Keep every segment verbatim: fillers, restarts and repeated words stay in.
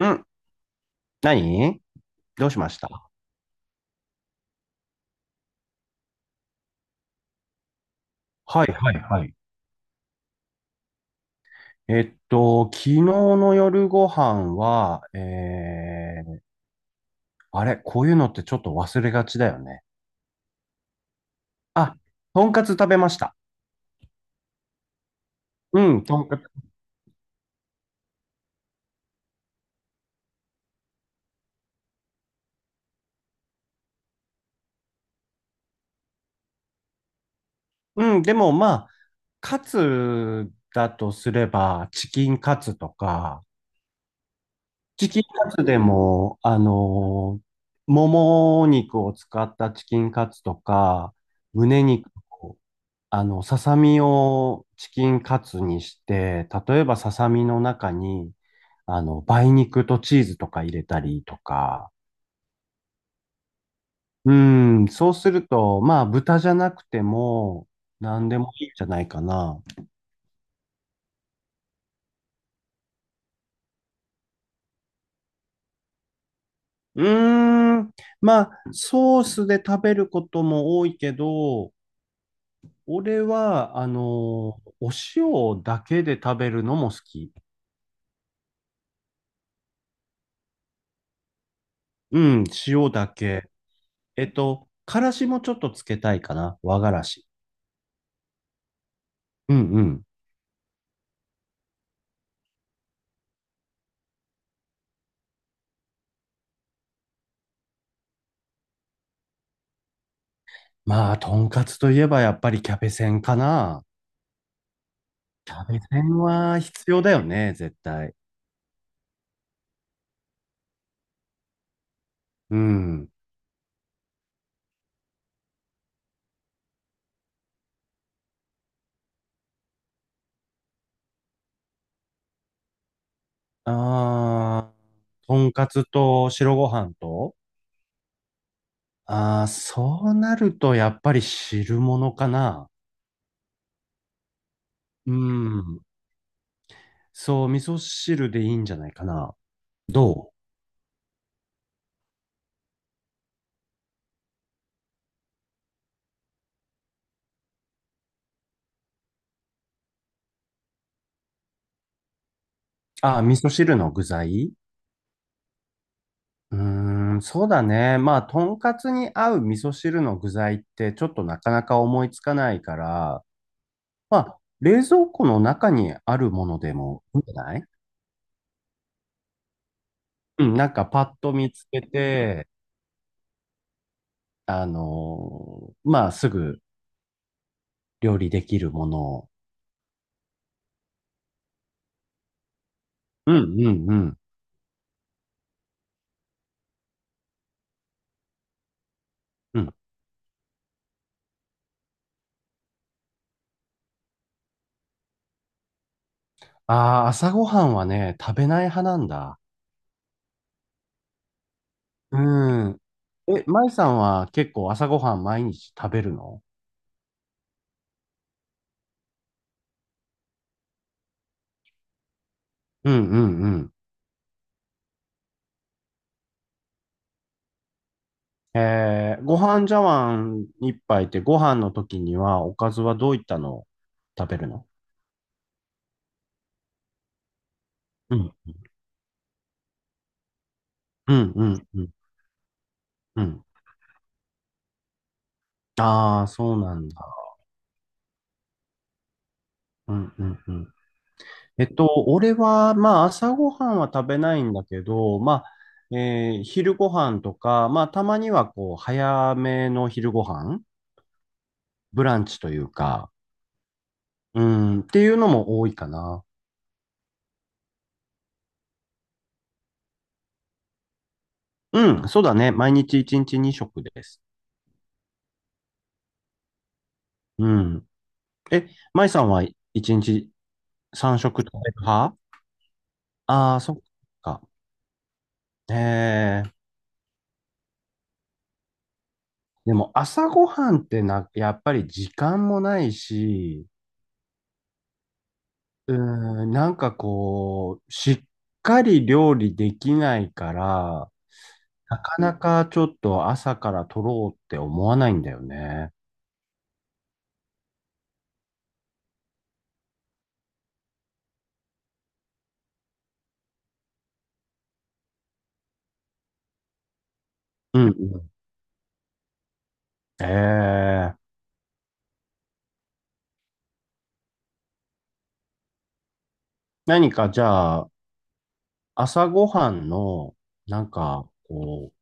うん。何。どうしました？はいはいはい。えっと、昨日の夜ご飯は、えー、あれ、こういうのってちょっと忘れがちだよね。あ、とんかつ食べました。うん、とんかつ。うん、でもまあ、カツだとすれば、チキンカツとか、チキンカツでも、あのーもも肉を使ったチキンカツとか、胸肉、あの、ささみをチキンカツにして、例えばささみの中に、あの、梅肉とチーズとか入れたりとか、うん、そうすると、まあ、豚じゃなくても、何でもいいんじゃないかな。うーん、まあ、ソースで食べることも多いけど、俺は、あの、お塩だけで食べるのも好き。うん、塩だけ。えっと、からしもちょっとつけたいかな。和がらし。うんうん。まあ、とんかつといえばやっぱりキャベセンかな。キャベセンは必要だよね、絶対。うん。ああ、とんかつと白ご飯と、ああ、そうなるとやっぱり汁物かな。うん。そう、味噌汁でいいんじゃないかな。どう？ああ、味噌汁の具材？うーん、そうだね。まあ、とんかつに合う味噌汁の具材ってちょっとなかなか思いつかないから、まあ、冷蔵庫の中にあるものでもいいんじゃない？うん、なんかパッと見つけて、あのーまあ、すぐ料理できるものを。うん、うん、うん、うん。ああ、朝ごはんはね、食べない派なんだ。うん。え、舞さんは結構朝ごはん毎日食べるの？うんうんうん。えー、ご飯茶碗一杯ってご飯の時にはおかずはどういったのを食べるの？うん。うんうんうんうん。ああ、そうなんだ。うんうんうん。えっと、俺は、まあ、朝ごはんは食べないんだけど、まあ、えー昼ごはんとか、まあ、たまには、こう、早めの昼ごはんブランチというか、うん、っていうのも多いかな。うん、そうだね。毎日いちにちに食です。うん。え、舞さんはいちにちさん食食べる派？ああー、そっか。えー、でも朝ごはんってな、やっぱり時間もないし、うーん、なんかこう、しっかり料理できないから、なかなかちょっと朝から取ろうって思わないんだよね。うんうん。ええ、何かじゃあ、朝ごはんの、なんか、こう、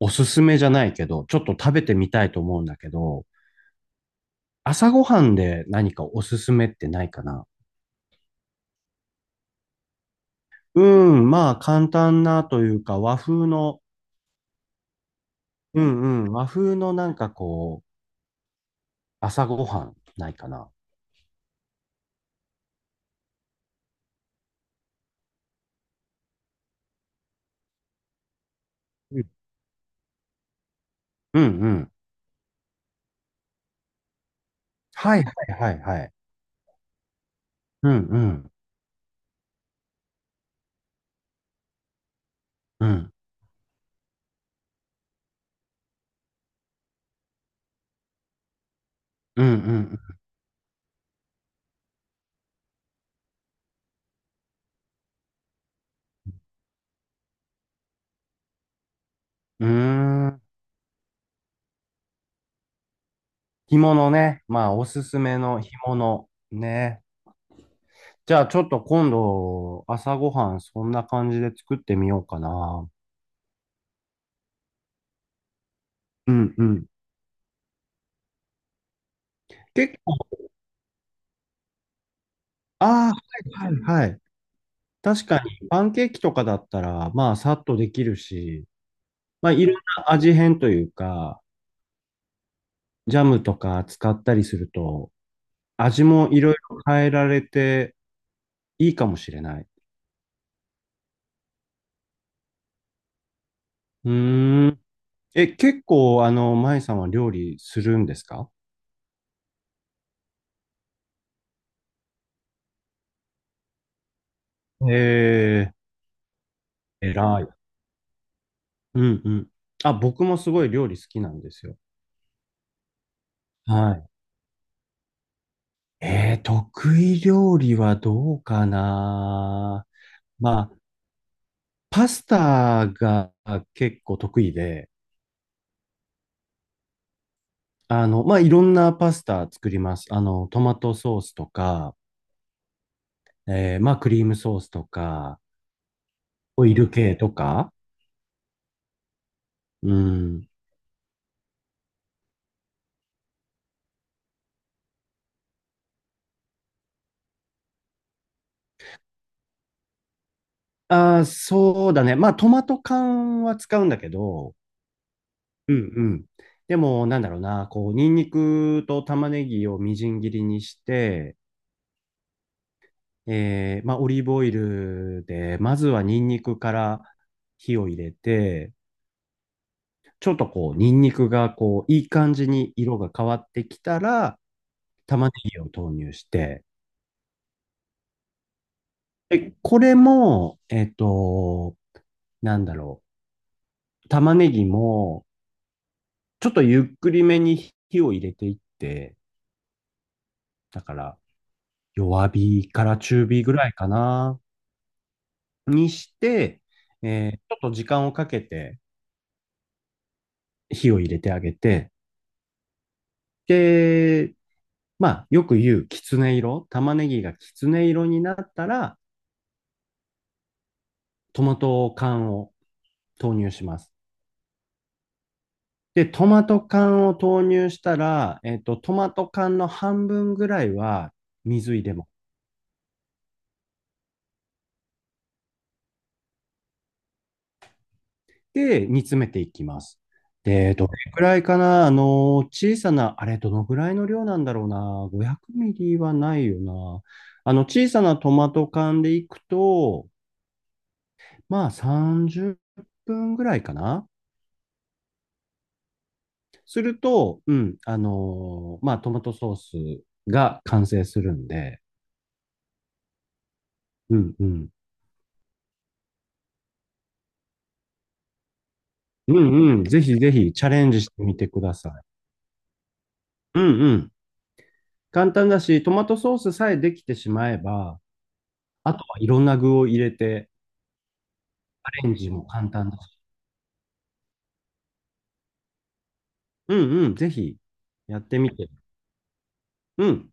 おすすめじゃないけど、ちょっと食べてみたいと思うんだけど、朝ごはんで何かおすすめってないかな？うん、まあ、簡単なというか、和風の、うんうん、和風のなんかこう、朝ごはんないかな。うんうんうん。はいはいはいはい。うんうんうんうんうんうん。うーん。干物ね。まあおすすめの干物ね。じゃあちょっと今度朝ごはんそんな感じで作ってみようかな。うんうん。結構、ああ、はいはいはい。確かにパンケーキとかだったらまあさっとできるし、まあいろんな味変というか、ジャムとか使ったりすると味もいろいろ変えられて、いいかもしれない。うーん。え、結構、あの、舞さんは料理するんですか？ええ、偉い。うんうん。あ、僕もすごい料理好きなんですよ。はい。えー、得意料理はどうかな。まあ、パスタが結構得意で、あの、まあ、いろんなパスタ作ります。あの、トマトソースとか、えー、まあ、クリームソースとか、オイル系とか、うん。ああ、そうだね。まあ、トマト缶は使うんだけど、うんうん。でも、なんだろうな、こう、ニンニクと玉ねぎをみじん切りにして、えー、まあ、オリーブオイルで、まずはニンニクから火を入れて、ちょっとこう、ニンニクがこう、いい感じに色が変わってきたら、玉ねぎを投入して、で、これも、えっと、なんだろう、玉ねぎも、ちょっとゆっくりめに火を入れていって、だから弱火から中火ぐらいかな、にして、えーちょっと時間をかけて火を入れてあげて、で、まあ、よく言うきつね色、玉ねぎがきつね色になったら、トマト缶を投入します。で、トマト缶を投入したら、えっと、トマト缶の半分ぐらいは水入れます。で、煮詰めていきます。で、どれくらいかな、あの、小さな、あれ、どのぐらいの量なんだろうな、ごひゃくミリはないよな。あの、小さなトマト缶でいくと、まあ、さんじゅっぷんぐらいかな。すると、うん、あのまあ、トマトソースが完成するんで、うんうん。うんうん。ぜひぜひチャレンジしてみてください。うんうん。簡単だし、トマトソースさえできてしまえば、あとはいろんな具を入れて、アレンジも簡単だし。うんうん、ぜひやってみて。うん。